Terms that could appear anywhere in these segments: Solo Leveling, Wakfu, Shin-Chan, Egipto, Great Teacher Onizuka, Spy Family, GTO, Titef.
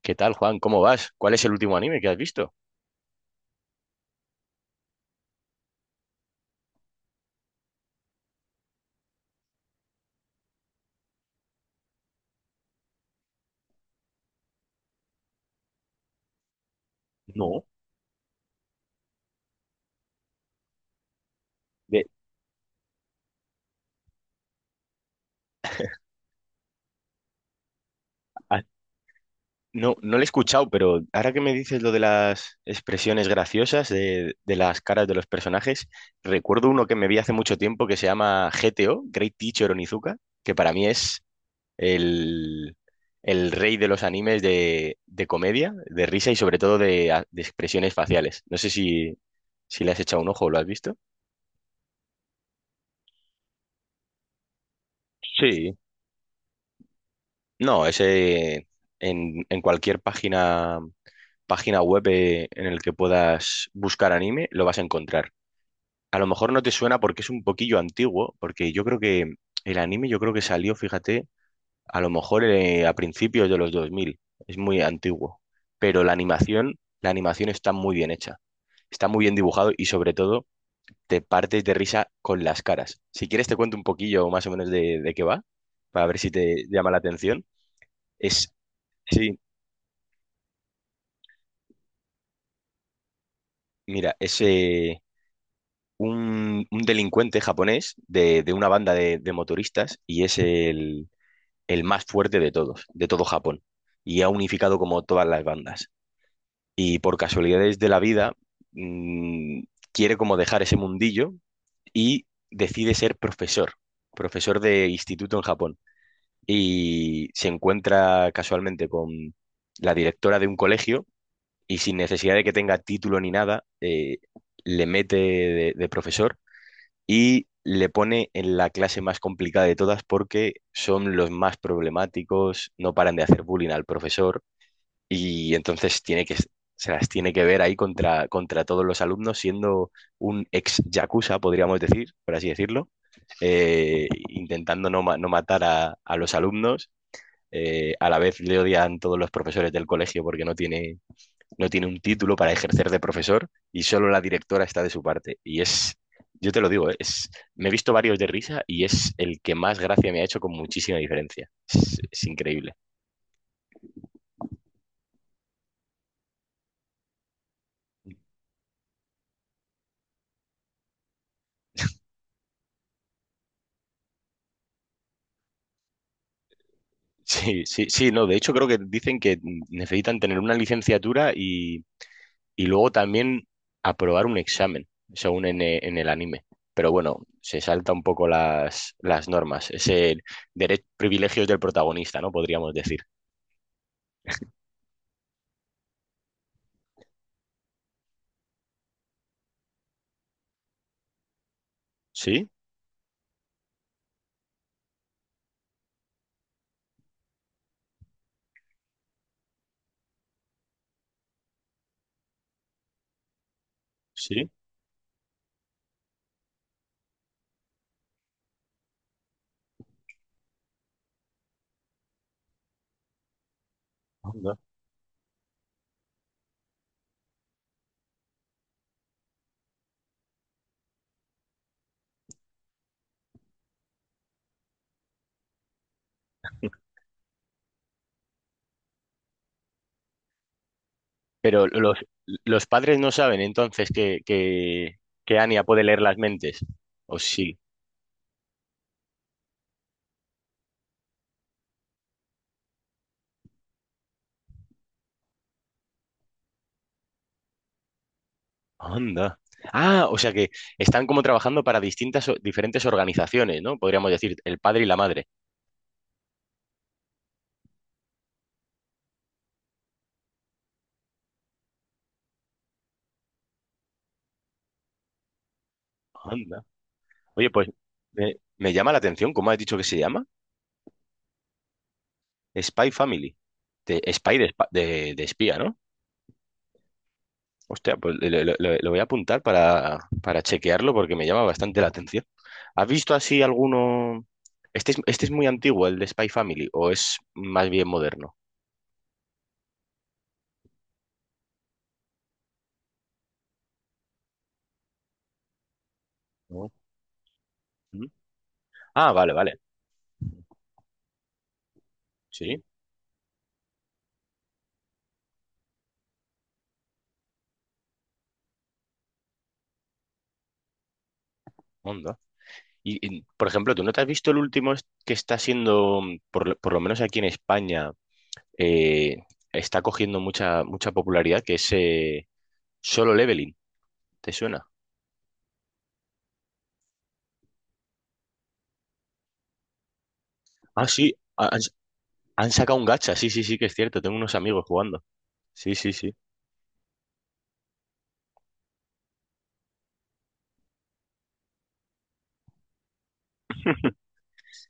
¿Qué tal, Juan? ¿Cómo vas? ¿Cuál es el último anime que has visto? No, De- ah, no, no lo he escuchado, pero ahora que me dices lo de las expresiones graciosas de las caras de los personajes, recuerdo uno que me vi hace mucho tiempo que se llama GTO, Great Teacher Onizuka, que para mí es el, el rey de los animes de comedia, de risa y sobre todo de, de expresiones faciales. No sé si, si le has echado un ojo o lo has visto. Sí, no, ese en cualquier página. Página web en el que puedas buscar anime, lo vas a encontrar. A lo mejor no te suena porque es un poquillo antiguo, porque yo creo que el anime yo creo que salió, fíjate, a lo mejor a principios de los 2000, es muy antiguo, pero la animación está muy bien hecha, está muy bien dibujado y sobre todo te partes de risa con las caras. Si quieres te cuento un poquillo más o menos de qué va, para ver si te llama la atención. Es, sí, mira, ese un delincuente japonés de una banda de motoristas y es el más fuerte de todos, de todo Japón. Y ha unificado como todas las bandas. Y por casualidades de la vida, mm, quiere como dejar ese mundillo y decide ser profesor, profesor de instituto en Japón. Y se encuentra casualmente con la directora de un colegio y sin necesidad de que tenga título ni nada, le mete de profesor y le pone en la clase más complicada de todas porque son los más problemáticos, no paran de hacer bullying al profesor y entonces se las tiene que ver ahí contra todos los alumnos, siendo un ex yakuza, podríamos decir, por así decirlo, intentando no, no matar a los alumnos. A la vez le odian todos los profesores del colegio porque no tiene un título para ejercer de profesor y solo la directora está de su parte. Y es, yo te lo digo, ¿eh? Es, me he visto varios de risa y es el que más gracia me ha hecho con muchísima diferencia. Es increíble. Sí, sí, sí, no, de hecho creo que dicen que necesitan tener una licenciatura y luego también aprobar un examen, según en el anime. Pero bueno, se salta un poco las normas, ese privilegios del protagonista, ¿no? Podríamos decir. Sí, sí. Pero los padres no saben entonces que Anya puede leer las mentes. ¿O sí? Anda. Ah, o sea que están como trabajando para distintas, diferentes organizaciones, ¿no? Podríamos decir, el padre y la madre. Anda. Oye, pues me llama la atención, ¿cómo has dicho que se llama? Spy Family. De, spy de, de espía, ¿no? Hostia, pues lo voy a apuntar para chequearlo porque me llama bastante la atención. ¿Has visto así alguno? Este es muy antiguo, el de Spy Family, o es más bien moderno, ¿no? ¿Mm? Ah, vale, vale. Sí, onda. Y, por ejemplo, ¿tú no te has visto el último que está siendo, mm, por lo menos aquí en España, eh, está cogiendo mucha, mucha popularidad, que es Solo Leveling? ¿Te suena? Ah, sí, han, han sacado un gacha, sí, sí, sí, que es cierto, tengo unos amigos jugando. Sí, sí, sí.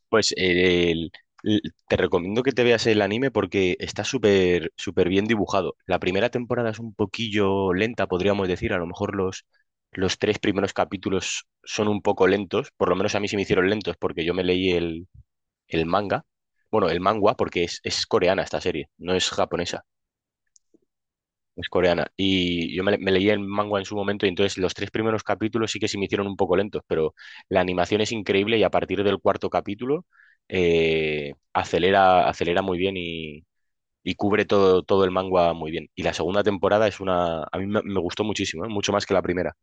Pues l- te recomiendo que te veas el anime porque está súper súper bien dibujado. La primera temporada es un poquillo lenta, podríamos decir. A lo mejor los tres primeros capítulos son un poco lentos. Por lo menos a mí se me hicieron lentos porque yo me leí el manga. Bueno, el manga porque es coreana esta serie, no es japonesa. Es coreana. Y yo me leí el manga en su momento y entonces los tres primeros capítulos sí que se me hicieron un poco lentos, pero la animación es increíble y a partir del cuarto capítulo acelera, acelera muy bien y cubre todo, todo el manga muy bien. Y la segunda temporada es una... A mí me gustó muchísimo, ¿eh? Mucho más que la primera.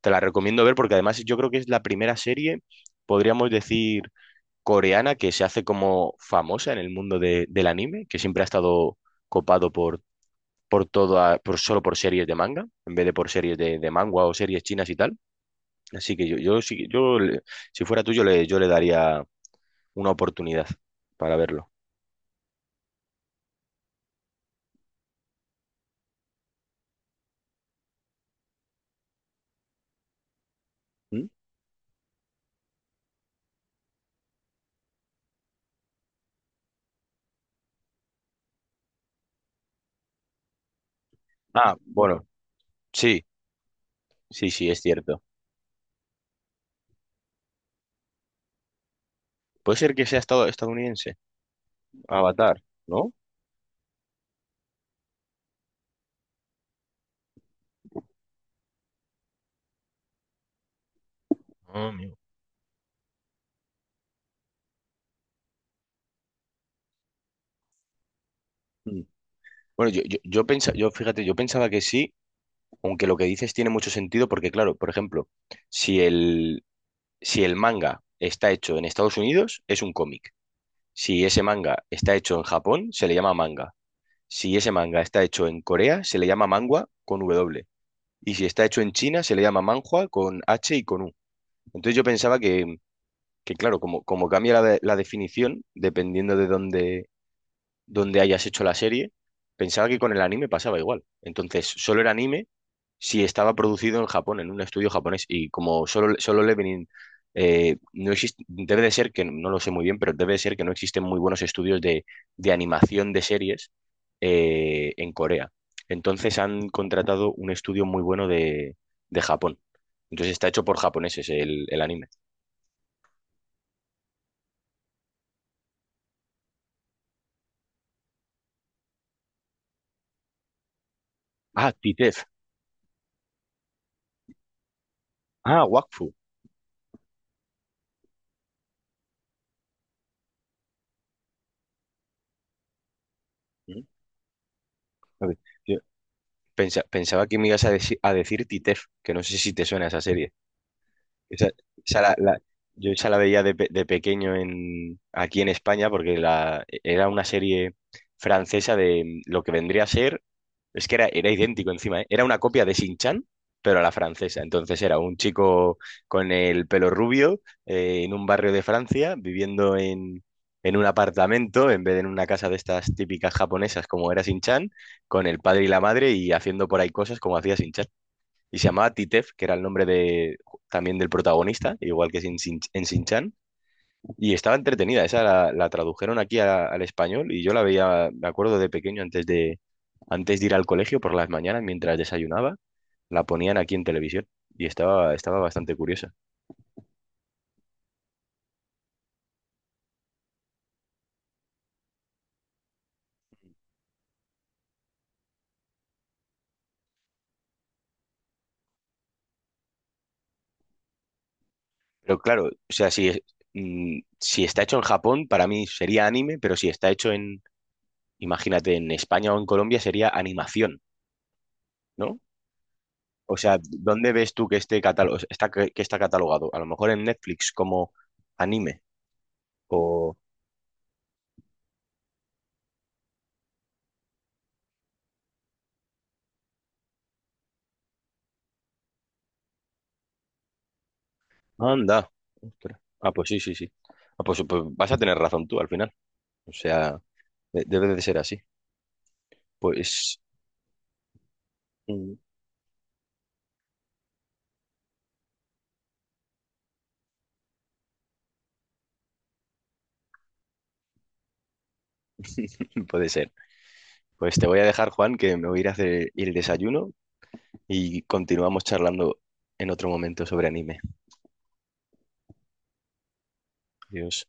Te la recomiendo ver porque además yo creo que es la primera serie, podríamos decir, coreana que se hace como famosa en el mundo del anime, que siempre ha estado copado por solo por series de manga, en vez de por series de manga o series chinas y tal. Así que yo, sí- yo le- si fuera tú, yo le daría una oportunidad para verlo. ¿Mm? Ah, bueno, sí, sí, sí, es cierto. Puede ser que sea estadounidense, Avatar, ¿no? Ah, amigo. Mm. Bueno, yo pensaba, yo fíjate, yo pensaba que sí, aunque lo que dices tiene mucho sentido, porque claro, por ejemplo, si el, si el manga está hecho en Estados Unidos, es un cómic. Si ese manga está hecho en Japón, se le llama manga. Si ese manga está hecho en Corea, se le llama mangua con W. Y si está hecho en China, se le llama manhua con H y con U. Entonces yo pensaba que claro, como cambia la definición, dependiendo de dónde hayas hecho la serie, pensaba que con el anime pasaba igual. Entonces, solo era anime. Sí, estaba producido en Japón, en un estudio japonés, y como solo, solo Leveling no existe, debe de ser que, no lo sé muy bien, pero debe de ser que no existen muy buenos estudios de animación de series en Corea. Entonces han contratado un estudio muy bueno de Japón. Entonces está hecho por japoneses el anime. Ah, Titef. Ah, Wakfu. Mm, ok. Yo pensaba que me ibas a, a decir Titef, que no sé si te suena esa serie. Esa- esa la- la- yo esa la veía de, de pequeño en, aquí en España porque la, era una serie francesa de mm, lo que vendría a ser, es que era idéntico encima, ¿eh? Era una copia de Sin Chan, pero a la francesa. Entonces era un chico con el pelo rubio en un barrio de Francia, viviendo en un apartamento en vez de en una casa de estas típicas japonesas como era Sin Chan, con el padre y la madre y haciendo por ahí cosas como hacía Sin y se llamaba Titef, que era el nombre de, también del protagonista, igual que en Shin-Chan. Y estaba entretenida, esa la tradujeron aquí al español y yo la veía, me acuerdo de pequeño, antes de ir al colegio por las mañanas, mientras desayunaba, la ponían aquí en televisión y estaba bastante curiosa. Pero claro, o sea, si está hecho en Japón, para mí sería anime, pero si está hecho imagínate, en España o en Colombia, sería animación, ¿no? O sea, ¿dónde ves tú que esté catálogo, está, que está catalogado? A lo mejor en Netflix como anime o... Anda. Ostras. Ah, pues sí, sí, sí. Ah, pues, pues vas a tener razón tú al final. O sea, debe de ser así. Pues mm, puede ser. Pues te voy a dejar, Juan, que me voy a ir a hacer el desayuno y continuamos charlando en otro momento sobre anime. Adiós.